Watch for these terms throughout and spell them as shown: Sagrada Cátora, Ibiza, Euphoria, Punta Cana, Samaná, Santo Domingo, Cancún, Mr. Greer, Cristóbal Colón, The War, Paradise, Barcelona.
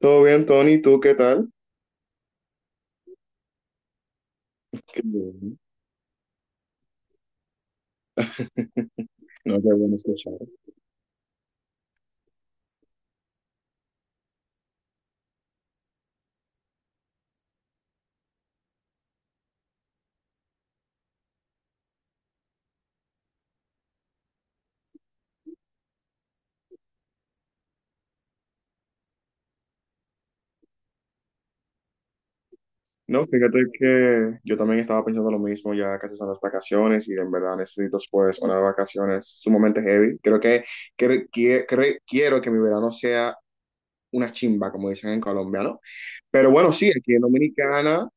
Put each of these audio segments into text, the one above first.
Todo bien, Tony, ¿tú qué tal? Qué bien. No, qué bueno escuchar. No, fíjate que yo también estaba pensando lo mismo, ya casi son las vacaciones y en verdad necesito pues unas vacaciones sumamente heavy. Creo que- cre- Quiero que mi verano sea una chimba, como dicen en Colombia, ¿no? Pero bueno, sí, aquí en Dominicana,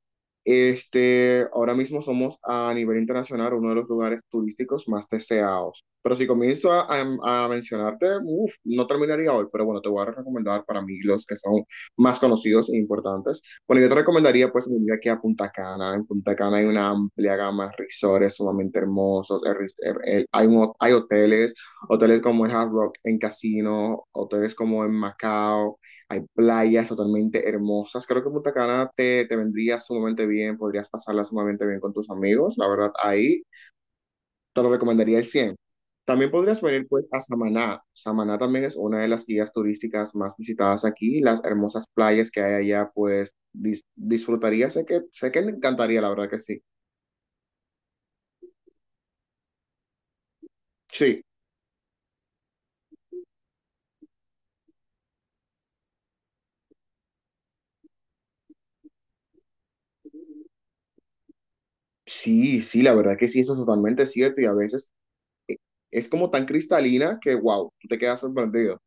ahora mismo somos a nivel internacional uno de los lugares turísticos más deseados. Pero si comienzo a mencionarte, uf, no terminaría hoy, pero bueno, te voy a recomendar para mí los que son más conocidos e importantes. Bueno, yo te recomendaría pues venir aquí a Punta Cana. En Punta Cana hay una amplia gama de resorts sumamente hermosos. El res- el- hay, un- hay hoteles, hoteles como el Hard Rock en Casino, hoteles como en Macao. Hay playas totalmente hermosas. Creo que Punta Cana te vendría sumamente bien, podrías pasarla sumamente bien con tus amigos. La verdad, ahí te lo recomendaría el 100. También podrías venir pues a Samaná. Samaná también es una de las guías turísticas más visitadas aquí. Las hermosas playas que hay allá pues disfrutaría. Sé que le encantaría, la verdad que sí. Sí, sí, sí, la verdad que sí, eso es totalmente cierto y a veces es como tan cristalina que wow, tú te quedas sorprendido.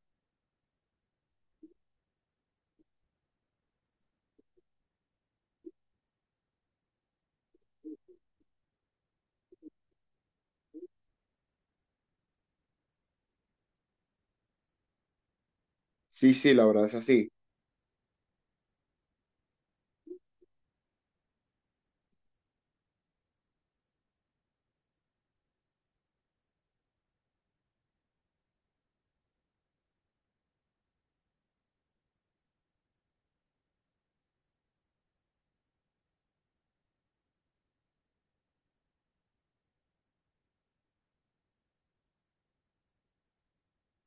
Sí, sí, la verdad es así.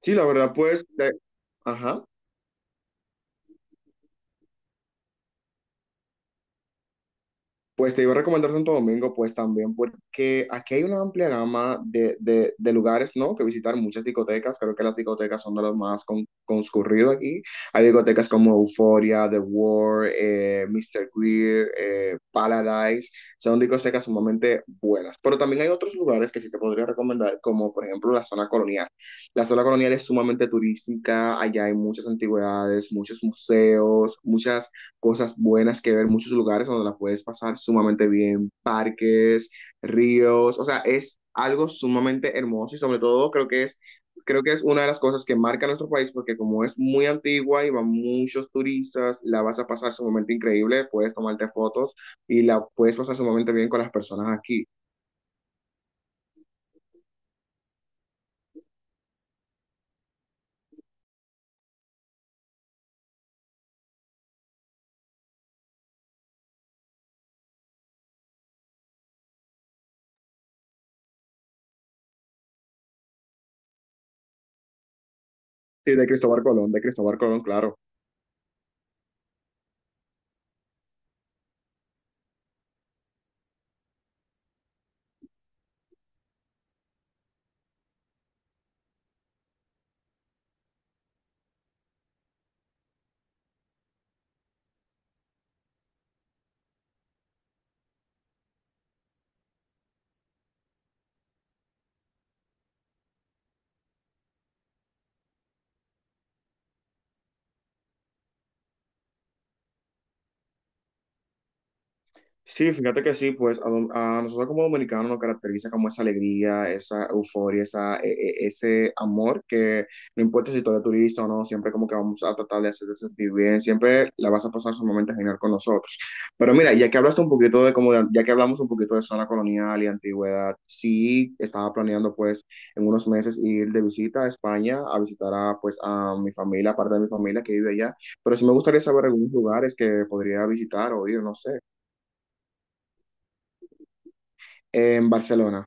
Sí, la verdad, ajá, pues te iba a recomendar Santo Domingo, pues también, porque aquí hay una amplia gama de lugares, ¿no? Que visitar, muchas discotecas, creo que las discotecas son de los más concurridos aquí. Hay discotecas como Euphoria, The War, Mr. Greer, Paradise, son discotecas sumamente buenas. Pero también hay otros lugares que sí te podría recomendar, como por ejemplo la zona colonial. La zona colonial es sumamente turística, allá hay muchas antigüedades, muchos museos, muchas cosas buenas que ver, muchos lugares donde la puedes pasar sumamente bien, parques, ríos, o sea, es algo sumamente hermoso y sobre todo creo que es una de las cosas que marca nuestro país porque como es muy antigua y van muchos turistas, la vas a pasar sumamente increíble, puedes tomarte fotos y la puedes pasar sumamente bien con las personas aquí. Sí, de Cristóbal Colón, claro. Sí, fíjate que sí, pues a nosotros como dominicanos nos caracteriza como esa alegría, esa euforia, ese amor que no importa si tú eres turista o no, siempre como que vamos a tratar de hacerte sentir bien, siempre la vas a pasar sumamente genial con nosotros. Pero mira, ya que hablamos un poquito de zona colonial y antigüedad, sí estaba planeando pues en unos meses ir de visita a España a visitar a mi familia, parte de mi familia que vive allá, pero sí me gustaría saber algunos lugares que podría visitar o ir, no sé. En Barcelona.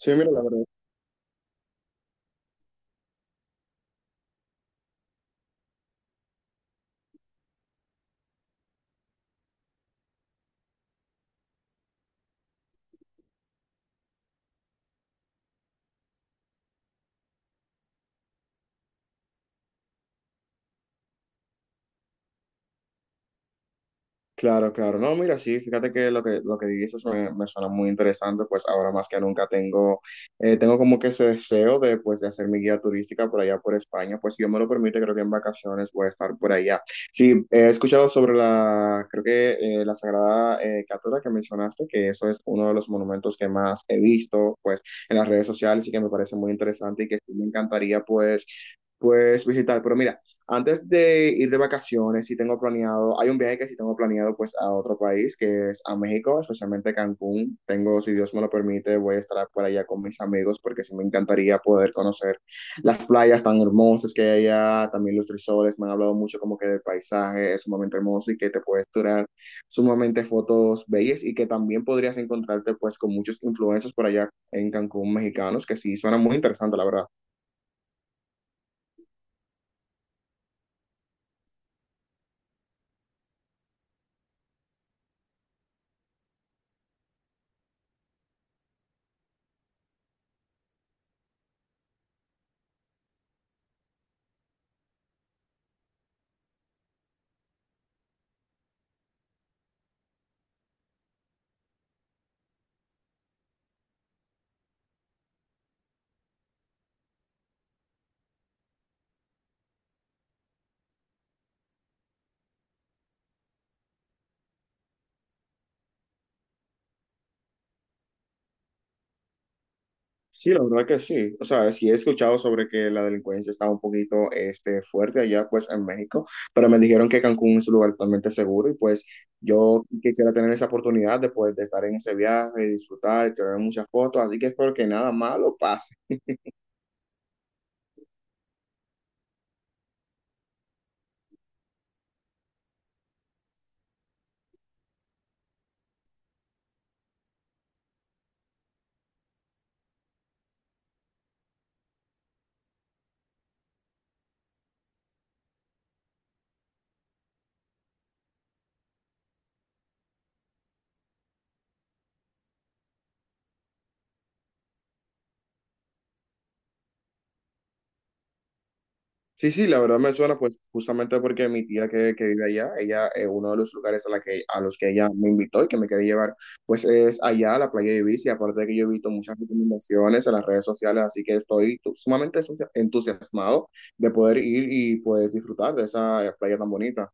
Sí, mira, la verdad. Claro, claro. No, mira, sí, fíjate que lo que dices me suena muy interesante, pues ahora más que nunca tengo, tengo como que ese deseo de, pues, de hacer mi guía turística por allá por España, pues si Dios me lo permite, creo que en vacaciones voy a estar por allá. Sí, he escuchado sobre la, creo que la Sagrada Cátora que mencionaste, que eso es uno de los monumentos que más he visto, pues, en las redes sociales y que me parece muy interesante y que sí me encantaría, pues, pues, visitar. Pero mira. Antes de ir de vacaciones, si tengo planeado, hay un viaje que sí tengo planeado pues a otro país, que es a México, especialmente Cancún. Tengo, si Dios me lo permite, voy a estar por allá con mis amigos porque sí me encantaría poder conocer las playas tan hermosas que hay allá, también los resorts, me han hablado mucho como que del paisaje es sumamente hermoso y que te puedes tirar sumamente fotos bellas y que también podrías encontrarte pues con muchos influencers por allá en Cancún mexicanos, que sí suena muy interesante, la verdad. Sí, la verdad que sí. O sea, sí he escuchado sobre que la delincuencia estaba un poquito este, fuerte allá pues en México, pero me dijeron que Cancún es un lugar totalmente seguro y pues yo quisiera tener esa oportunidad de, pues, de estar en ese viaje, disfrutar y tener muchas fotos, así que espero que nada malo pase. Sí, sí, la verdad me suena pues justamente porque mi tía que vive allá, ella, uno de los lugares a los que ella me invitó y que me quería llevar, pues es allá a la playa de Ibiza, y aparte de que yo he visto muchas recomendaciones en las redes sociales, así que estoy sumamente entusiasmado de poder ir y pues disfrutar de esa playa tan bonita.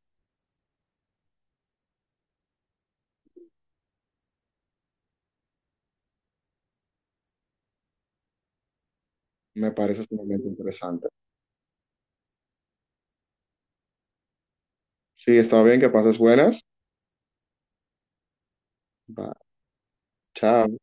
Me parece sumamente interesante. Sí, está bien, que pases buenas. Va, chao.